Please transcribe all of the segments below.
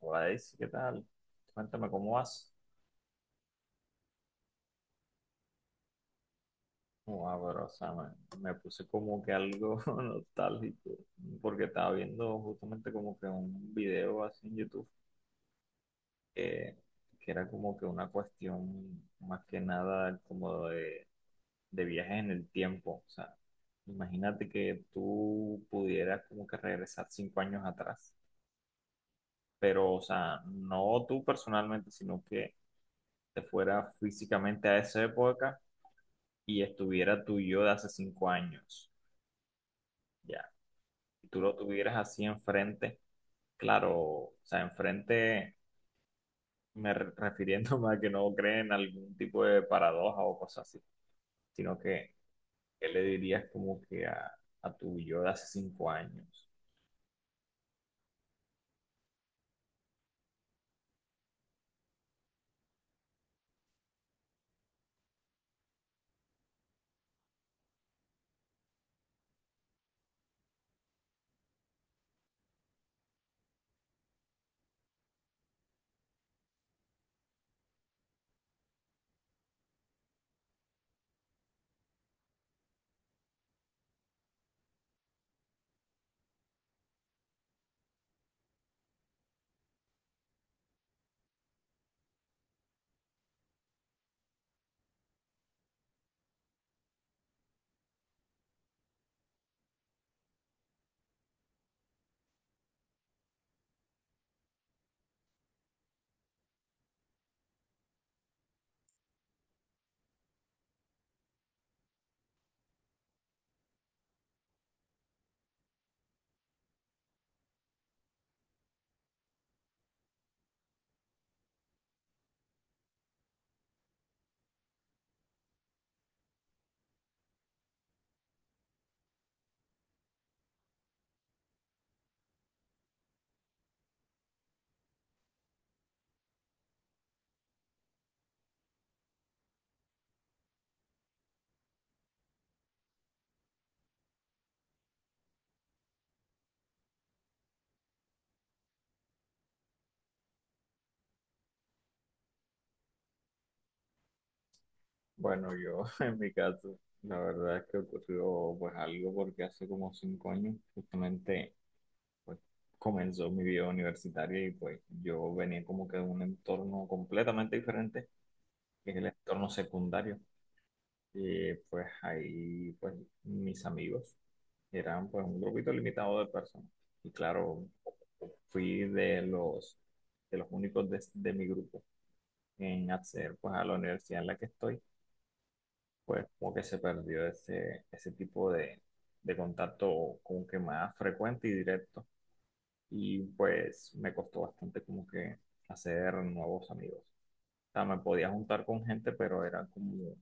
Guadalupe, ¿qué tal? Cuéntame cómo vas. Wow, pero, o sea, me puse como que algo nostálgico, porque estaba viendo justamente como que un video así en YouTube que, que era como que una cuestión más que nada como de viajes en el tiempo. O sea, imagínate que tú pudieras como que regresar 5 años atrás, pero, o sea, no tú personalmente, sino que te fuera físicamente a esa época y estuviera tu yo de hace 5 años, ya, y tú lo tuvieras así enfrente, claro, o sea, enfrente, refiriéndome a que no creen en algún tipo de paradoja o cosas así, sino que, ¿qué le dirías como que a, tu yo de hace 5 años? Bueno, yo en mi caso, la verdad es que ocurrió pues algo porque hace como 5 años justamente pues comenzó mi vida universitaria y pues yo venía como que de un entorno completamente diferente que es el entorno secundario. Y pues ahí, pues mis amigos eran pues un grupito limitado de personas. Y claro, fui de los, únicos de mi grupo en acceder pues a la universidad en la que estoy. Pues como que se perdió ese, tipo de contacto como que más frecuente y directo. Y pues me costó bastante como que hacer nuevos amigos. O sea, me podía juntar con gente, pero era como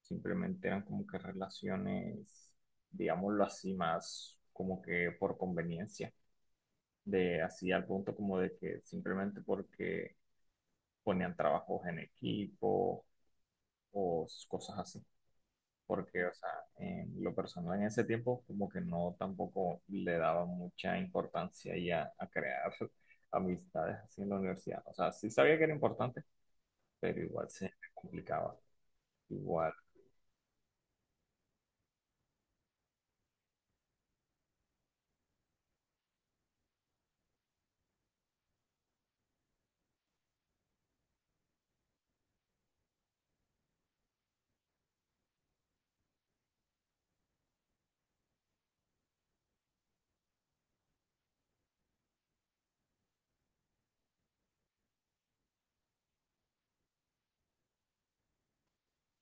simplemente eran como que relaciones, digámoslo así, más como que por conveniencia, de así al punto como de que simplemente porque ponían trabajos en equipo o cosas así. Porque, o sea, en lo personal en ese tiempo como que no tampoco le daba mucha importancia y a crear amistades así en la universidad. O sea, sí sabía que era importante, pero igual se me complicaba. Igual.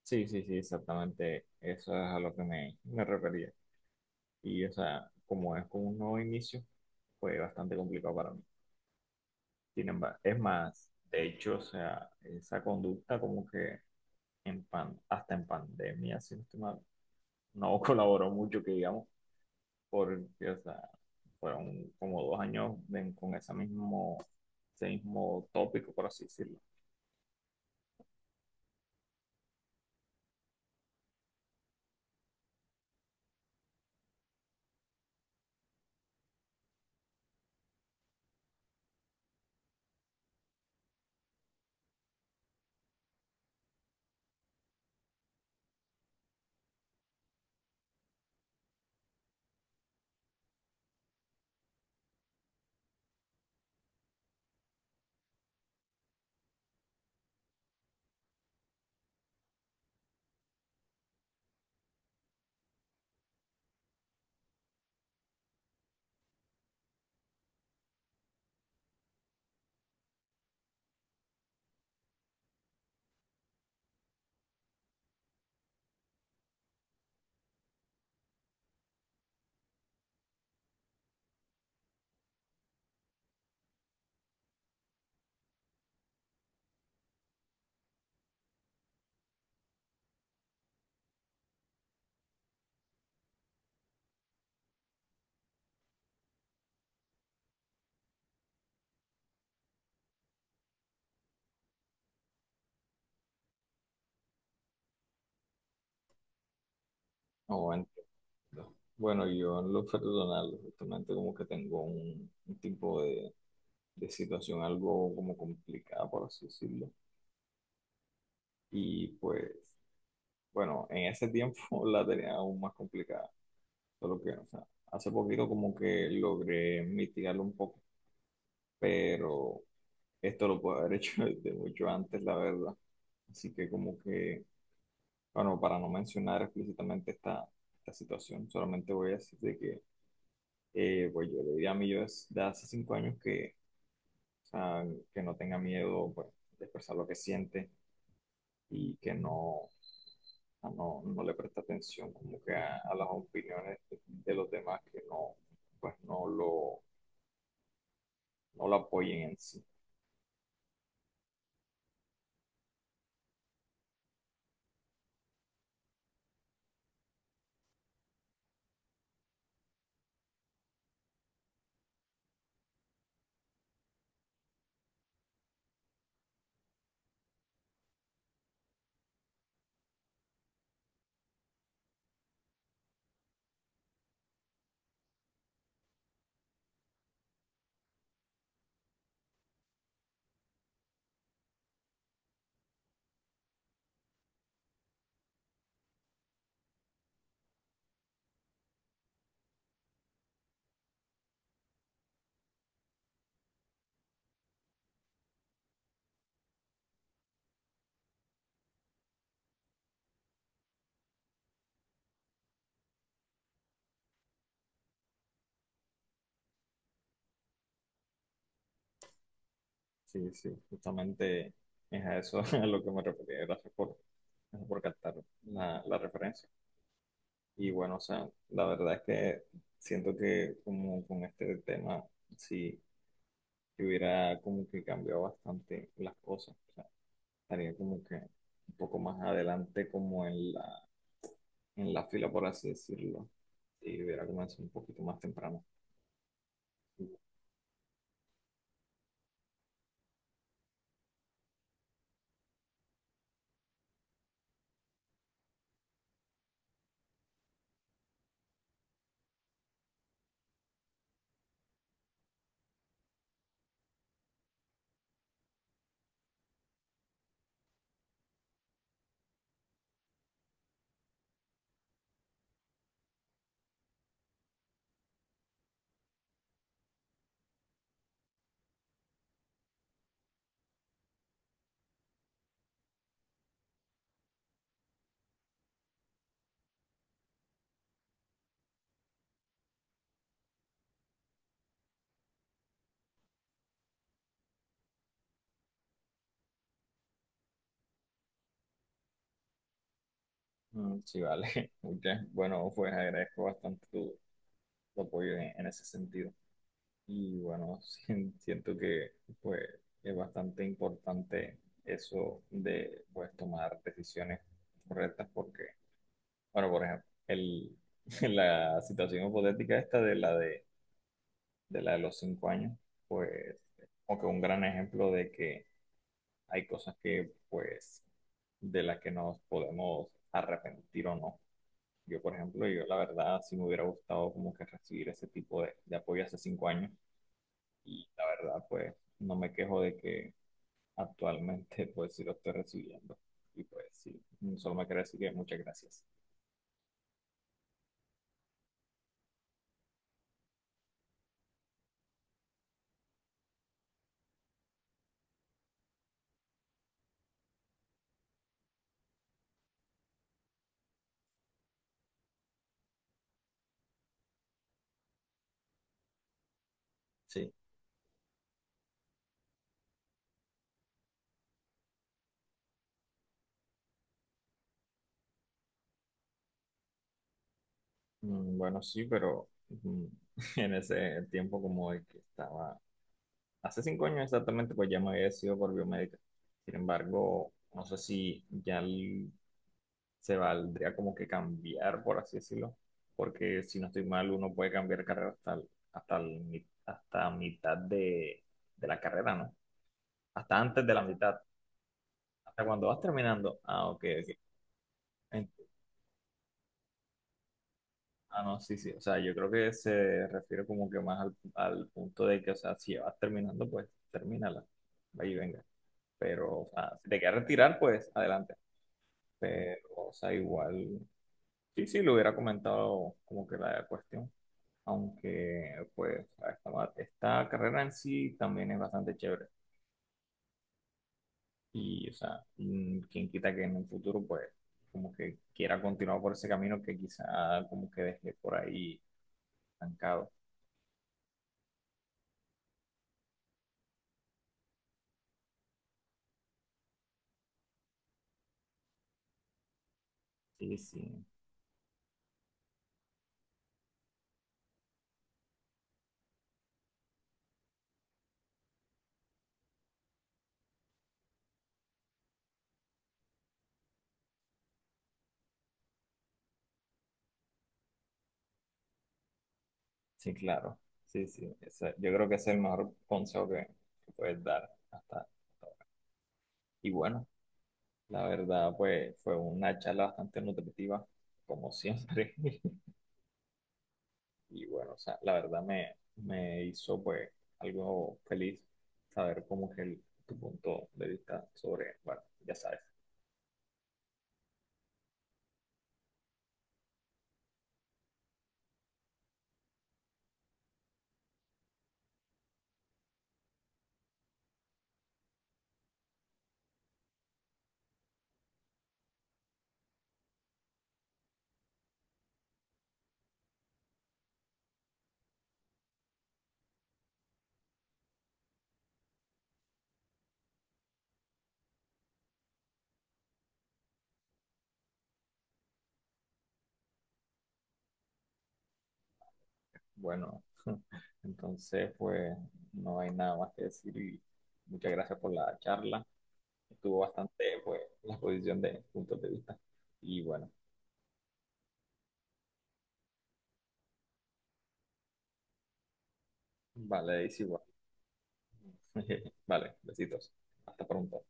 Sí, sí, sí, exactamente. Eso es a lo que me refería. Y, o sea, como es como un nuevo inicio, fue bastante complicado para mí. Sin embargo, es más, de hecho, o sea, esa conducta como que hasta en pandemia, si no estoy mal, no colaboró mucho, que digamos, porque, o sea, fueron como 2 años con ese mismo, tópico, por así decirlo. No, entiendo. Bueno, yo en lo personal, justamente como que tengo un, tipo de situación algo como complicada, por así decirlo. Y pues, bueno, en ese tiempo la tenía aún más complicada, solo que, o sea, hace poquito como que logré mitigarlo un poco, pero esto lo puedo haber hecho desde mucho antes, la verdad. Así que como que, bueno, para no mencionar explícitamente esta, situación, solamente voy a decir de que, pues yo le diría a mi yo de hace 5 años que sea, que no tenga miedo pues, de expresar lo que siente y que no, a no le preste atención como que a, las opiniones de los demás que no, pues no lo apoyen en sí. Sí, sí, justamente es a eso a lo que me refería. Gracias por captar la referencia. Y bueno, o sea, la verdad es que siento que como con este tema, sí, que hubiera como que cambiado bastante las cosas. O sea, estaría como que un poco más adelante como en la, fila, por así decirlo. Y hubiera comenzado un poquito más temprano. Mm, sí, vale. Bueno, pues agradezco bastante tu, apoyo en ese sentido. Y bueno, sí, siento que pues es bastante importante eso de pues tomar decisiones correctas porque bueno, por ejemplo, la situación hipotética esta de la de los 5 años, pues, como que un gran ejemplo de que hay cosas que, pues, de las que nos podemos arrepentir o no. Yo, por ejemplo, yo la verdad sí me hubiera gustado como que recibir ese tipo de apoyo hace 5 años y la verdad, pues, no me quejo de que actualmente, pues, sí lo estoy recibiendo. Y pues, sí, solo me queda decir que muchas gracias. Sí, mm, bueno, sí, pero en ese tiempo como el que estaba, hace 5 años exactamente, pues ya me había decidido por biomédica. Sin embargo, no sé si ya se valdría como que cambiar, por así decirlo, porque si no estoy mal, uno puede cambiar carrera hasta, hasta, hasta mitad de, la carrera, ¿no? Hasta antes de la mitad, hasta cuando vas terminando. Ah, ok, ok. Ah, no, sí, sí. O sea, yo creo que se refiere como que más al punto de que, o sea, si ya vas terminando, pues termínala. Ahí venga. Pero, o sea, si te quieres retirar, pues adelante. Pero, o sea, igual, sí, sí, le hubiera comentado como que la cuestión. Aunque, pues, esta carrera en sí también es bastante chévere. Y, o sea, quien quita que en un futuro, pues, como que quiera continuar por ese camino que quizá como que dejé por ahí estancado. Sí, sí. Sí, claro. Sí, sí. Yo creo que ese es el mejor consejo que, puedes dar hasta. Y bueno, la verdad, pues fue una charla bastante nutritiva, como siempre. Y bueno, o sea, la verdad me hizo pues algo feliz saber cómo es tu punto de vista sobre, bueno, ya sabes. Bueno, entonces pues no hay nada más que decir y muchas gracias por la charla. Estuvo bastante, pues, la exposición de puntos de vista. Y bueno, vale, es igual. Vale, besitos. Hasta pronto.